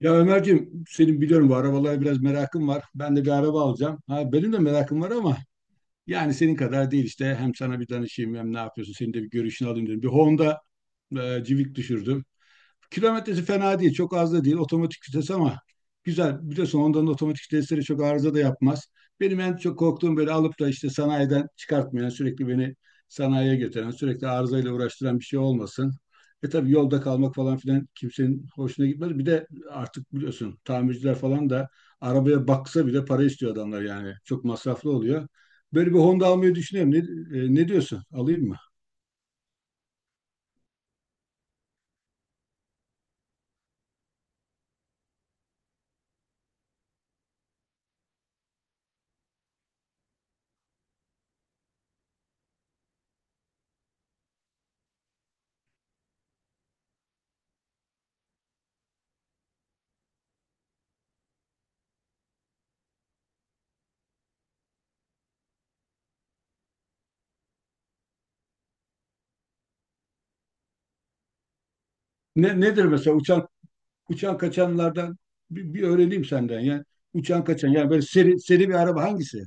Ya Ömerciğim senin biliyorum bu arabalara biraz merakın var. Ben de bir araba alacağım. Ha, benim de merakım var ama yani senin kadar değil işte. Hem sana bir danışayım hem ne yapıyorsun senin de bir görüşünü alayım dedim. Bir Honda Civic düşürdüm. Kilometresi fena değil. Çok az da değil. Otomatik vites ama güzel. Biliyorsun ondan otomatik vitesleri çok arıza da yapmaz. Benim en çok korktuğum böyle alıp da işte sanayiden çıkartmayan, sürekli beni sanayiye götüren, sürekli arızayla uğraştıran bir şey olmasın. E tabii yolda kalmak falan filan kimsenin hoşuna gitmez. Bir de artık biliyorsun tamirciler falan da arabaya baksa bile para istiyor adamlar yani. Çok masraflı oluyor. Böyle bir Honda almayı düşünüyorum. Ne diyorsun? Alayım mı? Nedir mesela uçan uçan kaçanlardan bir öğreneyim senden. Yani uçan kaçan yani böyle seri bir araba hangisi?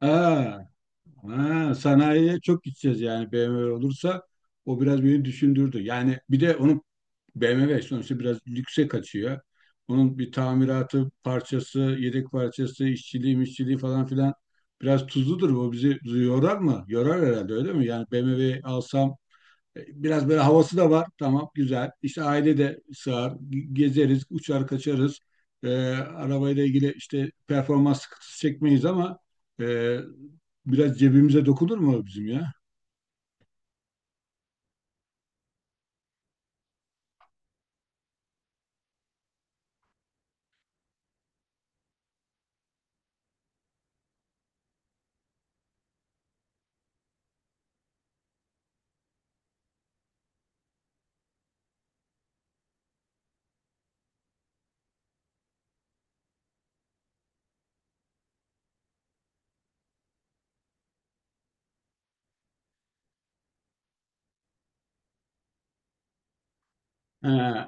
Ha, ha, Sanayiye çok gideceğiz yani BMW olursa o biraz beni düşündürdü. Yani bir de onun, BMW sonuçta biraz lükse kaçıyor. Onun bir tamiratı parçası, yedek parçası, işçiliği falan filan biraz tuzludur. Bu bizi yorar mı? Yorar herhalde, öyle mi? Yani BMW alsam biraz böyle havası da var. Tamam, güzel. İşte aile de sığar. Gezeriz, uçar kaçarız. Arabayla ilgili işte performans sıkıntısı çekmeyiz ama e, biraz cebimize dokunur mu bizim ya? He.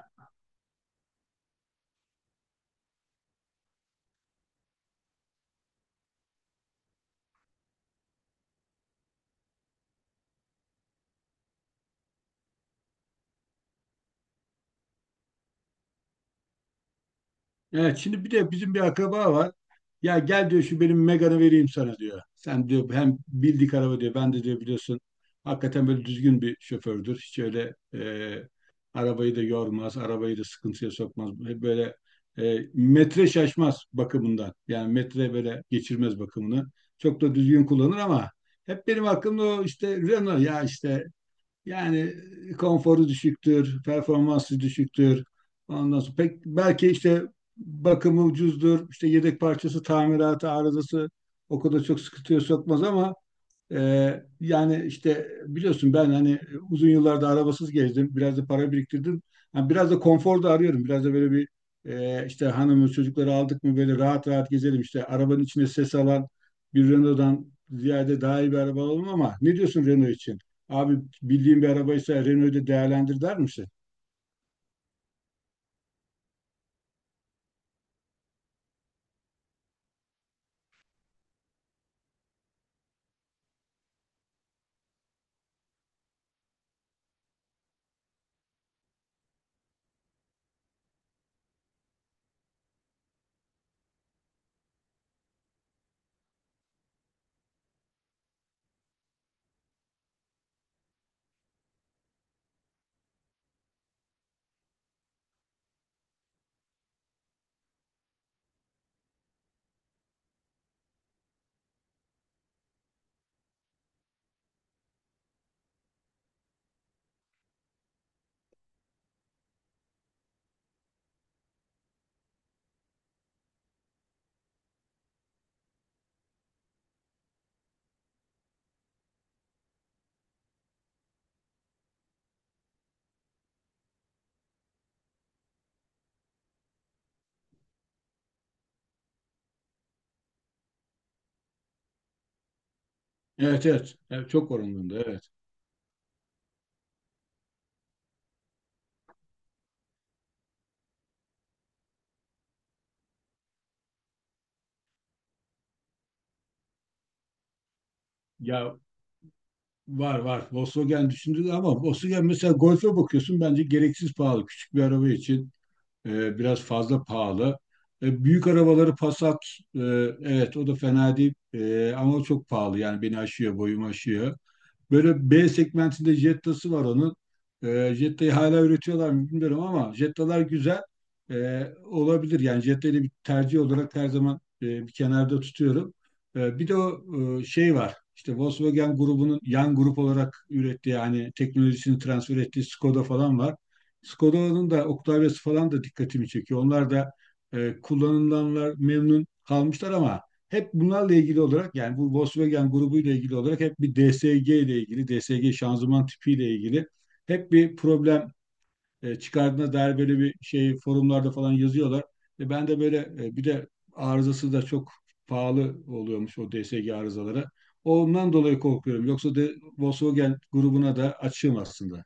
Evet, şimdi bir de bizim bir akraba var. Ya gel diyor, şu benim Megane'ı vereyim sana diyor. Sen diyor hem bildik araba diyor. Ben de diyor biliyorsun hakikaten böyle düzgün bir şofördür. Hiç öyle arabayı da yormaz, arabayı da sıkıntıya sokmaz. Hep böyle metre şaşmaz bakımından. Yani metre böyle geçirmez bakımını. Çok da düzgün kullanır ama hep benim aklımda o işte Renault ya işte, yani konforu düşüktür, performansı düşüktür. Ondan sonra pek belki işte bakımı ucuzdur, işte yedek parçası, tamiratı, arızası o kadar çok sıkıntıya sokmaz ama yani işte biliyorsun ben hani uzun yıllarda arabasız gezdim. Biraz da para biriktirdim. Yani biraz da konfor da arıyorum. Biraz da böyle bir, işte hanımı çocukları aldık mı böyle rahat rahat gezelim. İşte arabanın içine ses alan bir Renault'dan ziyade daha iyi bir araba alalım ama ne diyorsun Renault için? Abi, bildiğin bir arabaysa Renault'u da değerlendir der misin? Evet, evet. Evet, çok oranında evet. Ya var var. Volkswagen düşündü ama Volkswagen mesela Golf'e bakıyorsun bence gereksiz pahalı küçük bir araba için. E, biraz fazla pahalı. E, büyük arabaları Passat, e, evet o da fena değil. E, ama çok pahalı. Yani beni aşıyor, boyumu aşıyor. Böyle B segmentinde Jetta'sı var onun. E, Jetta'yı hala üretiyorlar mı bilmiyorum ama Jetta'lar güzel. E, olabilir. Yani Jetta'yı bir tercih olarak her zaman bir kenarda tutuyorum. Bir de o şey var. İşte Volkswagen grubunun yan grup olarak ürettiği hani teknolojisini transfer ettiği Skoda falan var. Skoda'nın da Octavia'sı falan da dikkatimi çekiyor. Onlar da kullanılanlar memnun kalmışlar ama hep bunlarla ilgili olarak yani bu Volkswagen grubuyla ilgili olarak hep bir DSG ile ilgili, DSG şanzıman tipiyle ilgili hep bir problem çıkardığına dair böyle bir şey forumlarda falan yazıyorlar. Ben de böyle, bir de arızası da çok pahalı oluyormuş o DSG arızaları. Ondan dolayı korkuyorum. Yoksa de Volkswagen grubuna da açığım aslında.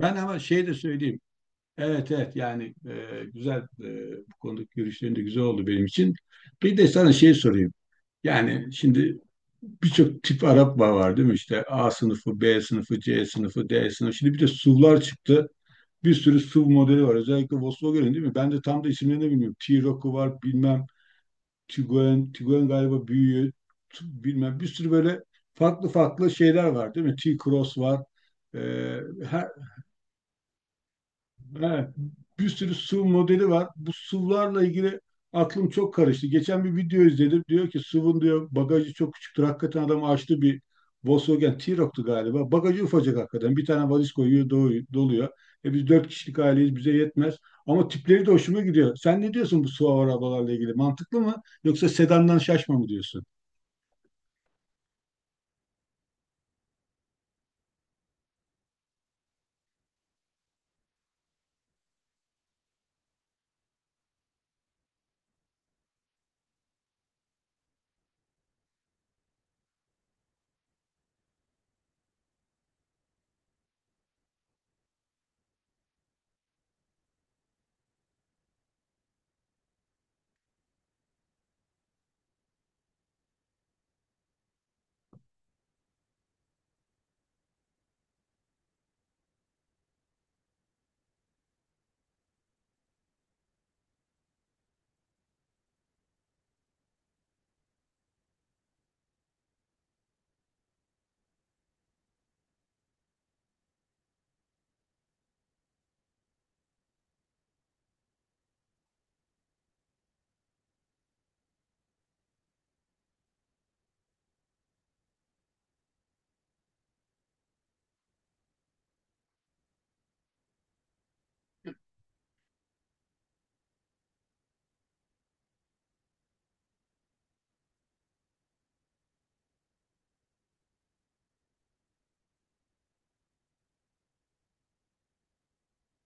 Ben ama şey de söyleyeyim. Evet, evet, yani güzel, bu konudaki görüşlerin de güzel oldu benim için. Bir de sana şey sorayım. Yani şimdi birçok tip Arap var değil mi? İşte A sınıfı, B sınıfı, C sınıfı, D sınıfı. Şimdi bir de SUV'lar çıktı. Bir sürü SUV modeli var. Özellikle Volkswagen'in değil mi? Ben de tam da isimlerini bilmiyorum. T-Roc'u var bilmem. Tiguan, Tiguan galiba büyüğü. Bilmem bir sürü böyle farklı farklı şeyler var değil mi? T-Cross var. Ee, her, Evet, bir sürü SUV modeli var. Bu SUV'larla ilgili aklım çok karıştı. Geçen bir video izledim. Diyor ki SUV'un diyor bagajı çok küçüktür. Hakikaten adam açtı bir, Volkswagen T-Roc'tu galiba. Bagajı ufacık hakikaten. Bir tane valiz koyuyor, doluyor. E biz 4 kişilik aileyiz, bize yetmez. Ama tipleri de hoşuma gidiyor. Sen ne diyorsun bu SUV arabalarla ilgili? Mantıklı mı? Yoksa sedandan şaşma mı diyorsun?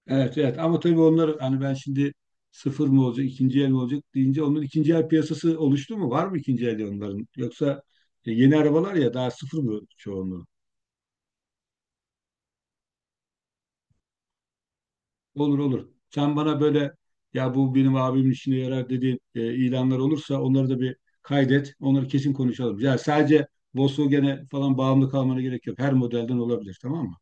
Evet, evet ama tabii onlar hani ben şimdi sıfır mı olacak ikinci el mi olacak deyince onun ikinci el piyasası oluştu mu? Var mı ikinci el onların? Yoksa yeni arabalar ya daha sıfır mı çoğunluğu? Olur olur. Sen bana böyle ya bu benim abimin işine yarar dediğin ilanlar olursa onları da bir kaydet. Onları kesin konuşalım. Ya sadece Volkswagen'e falan bağımlı kalmana gerek yok. Her modelden olabilir tamam mı?